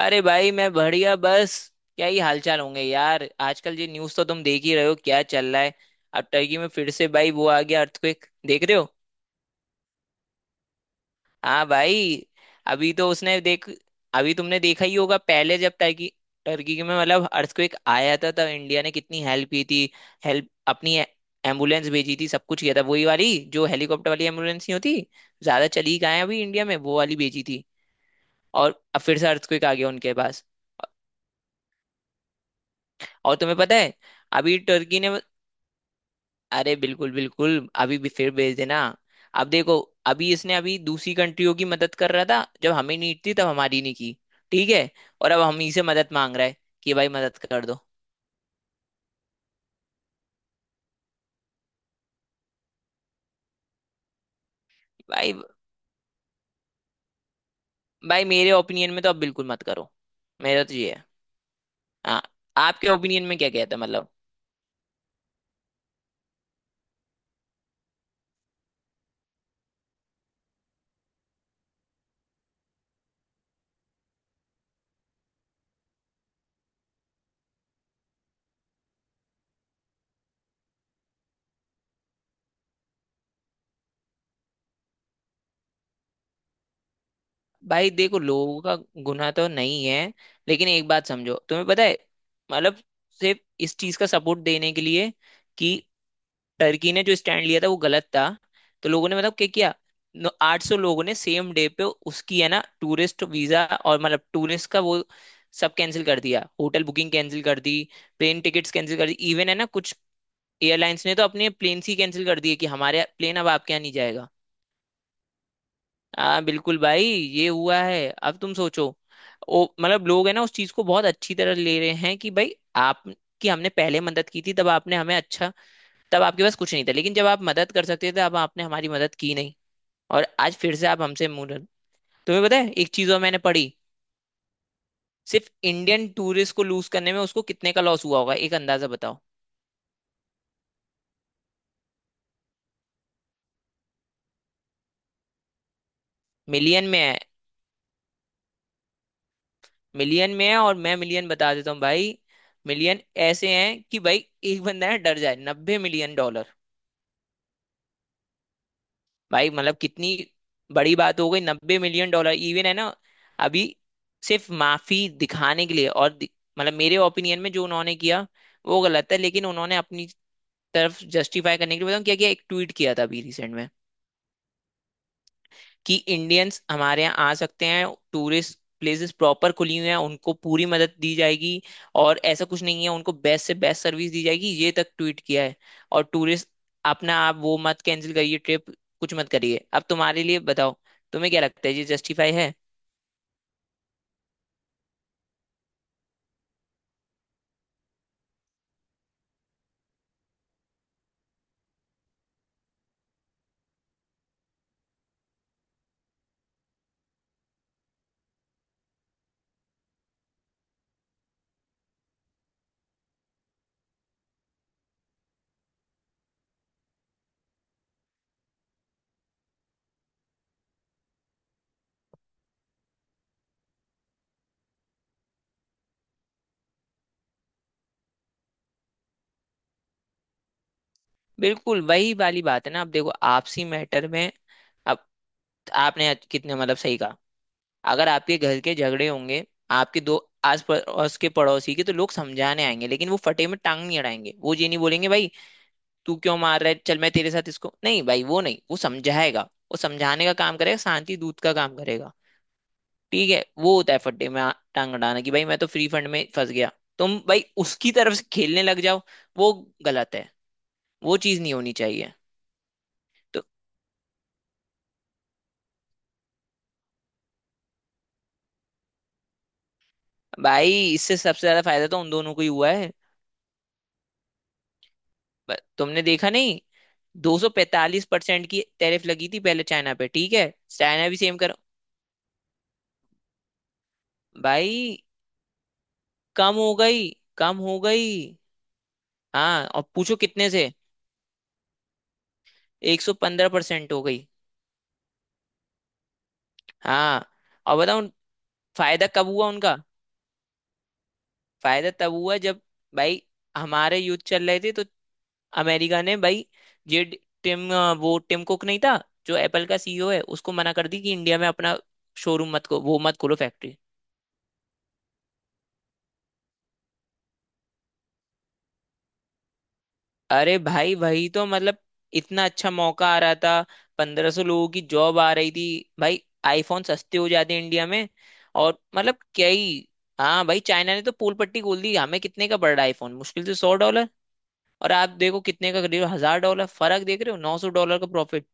अरे भाई मैं बढ़िया। बस क्या ही हालचाल होंगे यार। आजकल ये न्यूज़ तो तुम देख ही रहे हो क्या चल रहा है। अब टर्की में फिर से भाई वो आ गया अर्थक्वेक देख रहे हो। हाँ भाई। अभी तो उसने देख अभी तुमने देखा ही होगा पहले जब टर्की टर्की में मतलब अर्थक्वेक आया था तब इंडिया ने कितनी हेल्प की थी। हेल्प अपनी एम्बुलेंस भेजी थी। सब कुछ किया था वही वाली जो हेलीकॉप्टर वाली एम्बुलेंस नहीं होती ज्यादा चली कहाँ है। अभी इंडिया में वो वाली भेजी थी। और अब फिर से अर्थक्वेक आ गया उनके पास। और तुम्हें पता है अभी टर्की ने अरे बिल्कुल बिल्कुल। अभी भी फिर भेज देना। अब देखो अभी इसने अभी दूसरी कंट्रियों की मदद कर रहा था जब हमें नीड थी तब हमारी नहीं की। ठीक है। और अब हम ही से मदद मांग रहा है कि भाई मदद कर दो। भाई भाई मेरे ओपिनियन में तो अब बिल्कुल मत करो। मेरा तो ये है। हाँ, आपके ओपिनियन में क्या कहता है मतलब। भाई देखो लोगों का गुनाह तो नहीं है लेकिन एक बात समझो। तुम्हें पता है मतलब सिर्फ इस चीज का सपोर्ट देने के लिए कि टर्की ने जो स्टैंड लिया था वो गलत था, तो लोगों ने मतलब क्या किया। 800 लोगों ने सेम डे पे उसकी है ना टूरिस्ट वीजा और मतलब टूरिस्ट का वो सब कैंसिल कर दिया। होटल बुकिंग कैंसिल कर दी। प्लेन टिकट्स कैंसिल कर दी। इवन है ना कुछ एयरलाइंस ने तो अपने प्लेन ही कैंसिल कर दिए कि हमारे प्लेन अब आपके यहाँ नहीं जाएगा। हाँ बिल्कुल भाई ये हुआ है। अब तुम सोचो ओ मतलब लोग है ना उस चीज को बहुत अच्छी तरह ले रहे हैं कि भाई आपकी हमने पहले मदद की थी तब आपने हमें अच्छा, तब आपके पास कुछ नहीं था लेकिन जब आप मदद कर सकते थे अब आपने हमारी मदद की नहीं। और आज फिर से आप हमसे तुम्हें पता है एक चीज और मैंने पढ़ी। सिर्फ इंडियन टूरिस्ट को लूज करने में उसको कितने का लॉस हुआ होगा एक अंदाजा बताओ। मिलियन में है। मिलियन में है और मैं मिलियन बता देता हूँ भाई। मिलियन ऐसे हैं कि भाई एक बंदा है डर जाए $90 मिलियन। भाई मतलब कितनी बड़ी बात हो गई $90 मिलियन। इवन है ना अभी सिर्फ माफी दिखाने के लिए और मतलब मेरे ओपिनियन में जो उन्होंने किया वो गलत है लेकिन उन्होंने अपनी तरफ जस्टिफाई करने के लिए, बताऊं क्या किया, एक ट्वीट किया था अभी रिसेंट में कि इंडियंस हमारे यहाँ आ सकते हैं। टूरिस्ट प्लेसेस प्रॉपर खुली हुई हैं। उनको पूरी मदद दी जाएगी और ऐसा कुछ नहीं है। उनको बेस्ट से बेस्ट सर्विस दी जाएगी, ये तक ट्वीट किया है। और टूरिस्ट अपना आप वो मत कैंसिल करिए ट्रिप। कुछ मत करिए। अब तुम्हारे लिए बताओ तुम्हें क्या लगता है ये जस्टिफाई है। बिल्कुल वही वाली बात है ना। अब देखो आपसी मैटर में अब आपने आज कितने मतलब सही कहा। अगर आपके घर के झगड़े होंगे आपके दो आस पड़ोस के पड़ोसी के, तो लोग समझाने आएंगे लेकिन वो फटे में टांग नहीं अड़ाएंगे। वो ये नहीं बोलेंगे भाई तू क्यों मार रहा है चल मैं तेरे साथ, इसको नहीं भाई, वो नहीं, वो समझाएगा। वो समझाने का काम करेगा शांति दूत का काम करेगा। ठीक है वो होता है फट्टे में टांग अड़ाना कि भाई मैं तो फ्री फंड में फंस गया। तुम भाई उसकी तरफ से खेलने लग जाओ। वो गलत है। वो चीज नहीं होनी चाहिए। तो भाई इससे सबसे ज्यादा फायदा तो उन दोनों को ही हुआ है। तुमने देखा नहीं 245% की टैरिफ लगी थी पहले चाइना पे। ठीक है चाइना भी सेम करो भाई। कम हो गई। कम हो गई। हाँ और पूछो कितने से। 115% हो गई। हाँ, और बताओ फायदा कब हुआ उनका। फायदा तब हुआ जब भाई हमारे युद्ध चल रहे थे तो अमेरिका ने भाई ये वो टिम कुक नहीं था जो एप्पल का सीईओ है, उसको मना कर दी कि इंडिया में अपना शोरूम मत को वो मत खोलो फैक्ट्री। अरे भाई वही तो मतलब इतना अच्छा मौका आ रहा था। 1,500 लोगों की जॉब आ रही थी भाई। आईफोन सस्ते हो जाते हैं इंडिया में और मतलब क्या ही। हाँ भाई चाइना ने तो पूल पट्टी खोल दी। हमें कितने का पड़ रहा है आईफोन मुश्किल से $100। और आप देखो कितने का करीब $1,000। फर्क देख रहे हो $900 का प्रॉफिट।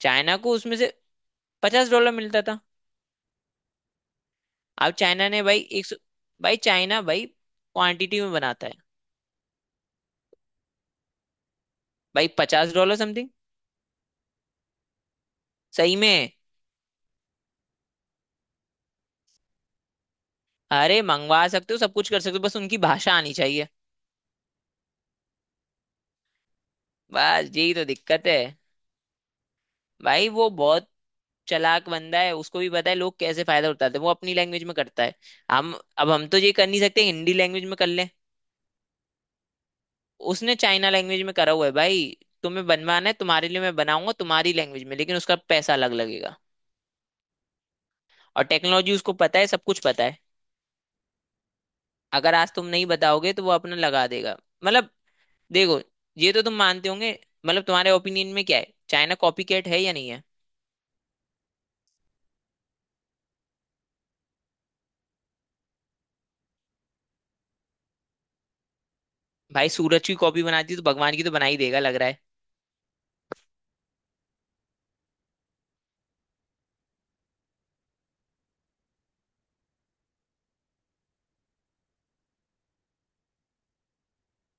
चाइना को उसमें से $50 मिलता था। अब चाइना ने भाई 100, भाई चाइना भाई क्वांटिटी में बनाता है। भाई $50 समथिंग। सही में। अरे मंगवा सकते हो सब कुछ कर सकते हो बस उनकी भाषा आनी चाहिए। बस यही तो दिक्कत है। भाई वो बहुत चालाक बंदा है। उसको भी पता है लोग कैसे फायदा उठाते हैं। वो अपनी लैंग्वेज में करता है। हम अब हम तो ये कर नहीं सकते हिंदी लैंग्वेज में कर लें। उसने चाइना लैंग्वेज में करा हुआ है भाई। तुम्हें बनवाना है तुम्हारे लिए मैं बनाऊंगा तुम्हारी लैंग्वेज में लेकिन उसका पैसा अलग लगेगा। और टेक्नोलॉजी उसको पता है सब कुछ पता है। अगर आज तुम नहीं बताओगे तो वो अपना लगा देगा। मतलब देखो ये तो तुम मानते होंगे। मतलब तुम्हारे ओपिनियन में क्या है, चाइना कॉपीकैट है या नहीं है। भाई सूरज की कॉपी बनाती है तो भगवान की तो बना ही देगा लग रहा है।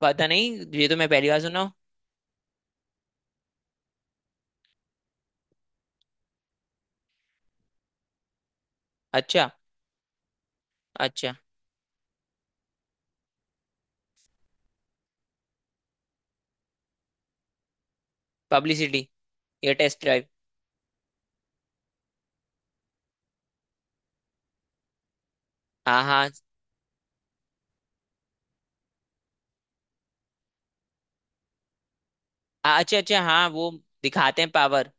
पता नहीं। ये तो मैं पहली बार सुना हूँ। अच्छा, अच्छा। पब्लिसिटी या टेस्ट ड्राइव। हाँ, हाँ। हाँ, अच्छा, अच्छा। हाँ वो दिखाते हैं पावर।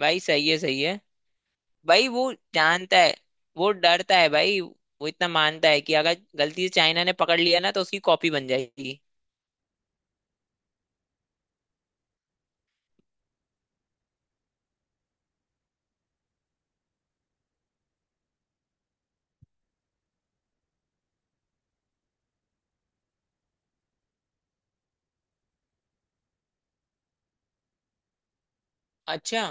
भाई सही है, सही है। भाई वो जानता है। वो डरता है भाई। वो इतना मानता है कि अगर गलती से चाइना ने पकड़ लिया ना तो उसकी कॉपी बन जाएगी। अच्छा,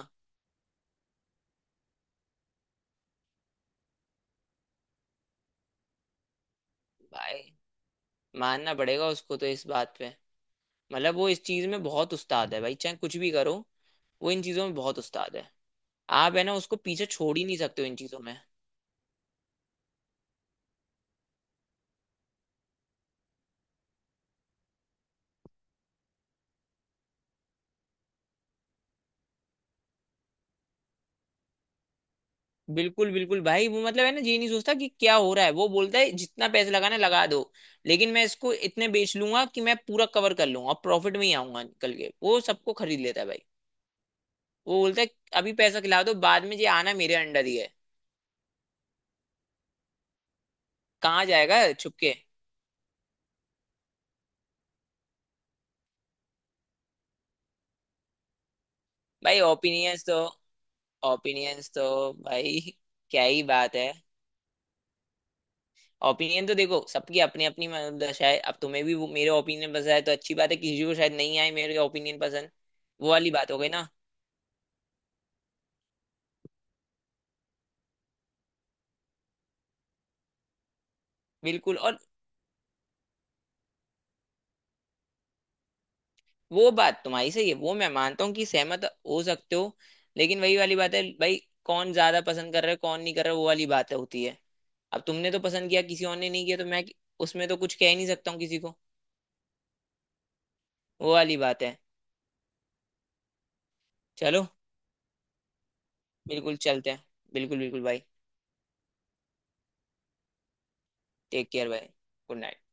भाई मानना पड़ेगा उसको तो इस बात पे। मतलब वो इस चीज में बहुत उस्ताद है भाई चाहे कुछ भी करो। वो इन चीजों में बहुत उस्ताद है। आप है ना उसको पीछे छोड़ ही नहीं सकते हो इन चीजों में। बिल्कुल बिल्कुल भाई, वो मतलब है ना ये नहीं सोचता कि क्या हो रहा है। वो बोलता है जितना पैसे लगाना है लगा दो लेकिन मैं इसको इतने बेच लूंगा कि मैं पूरा कवर कर लूंगा और प्रॉफिट में ही आऊंगा निकल के। वो सबको खरीद लेता है भाई। वो बोलता है अभी पैसा खिला दो बाद में ये आना मेरे अंडर ही है। कहाँ जाएगा छुप के। भाई ओपिनियंस तो भाई क्या ही बात है। ओपिनियन तो देखो सबकी अपनी अपनी मतलब दशा है। अब तुम्हें भी वो मेरे ओपिनियन पसंद आए तो अच्छी बात है, किसी को शायद नहीं आए मेरे ओपिनियन पसंद। वो वाली बात हो गई ना। बिल्कुल। और वो बात तुम्हारी सही है। वो मैं मानता हूँ कि सहमत हो सकते हो लेकिन वही वाली बात है भाई। कौन ज्यादा पसंद कर रहा है कौन नहीं कर रहा है, वो वाली बात होती है। अब तुमने तो पसंद किया किसी और ने नहीं किया तो मैं उसमें तो कुछ कह ही नहीं सकता हूँ किसी को। वो वाली बात है। चलो, बिल्कुल चलते हैं। बिल्कुल बिल्कुल भाई। टेक केयर भाई। Good night.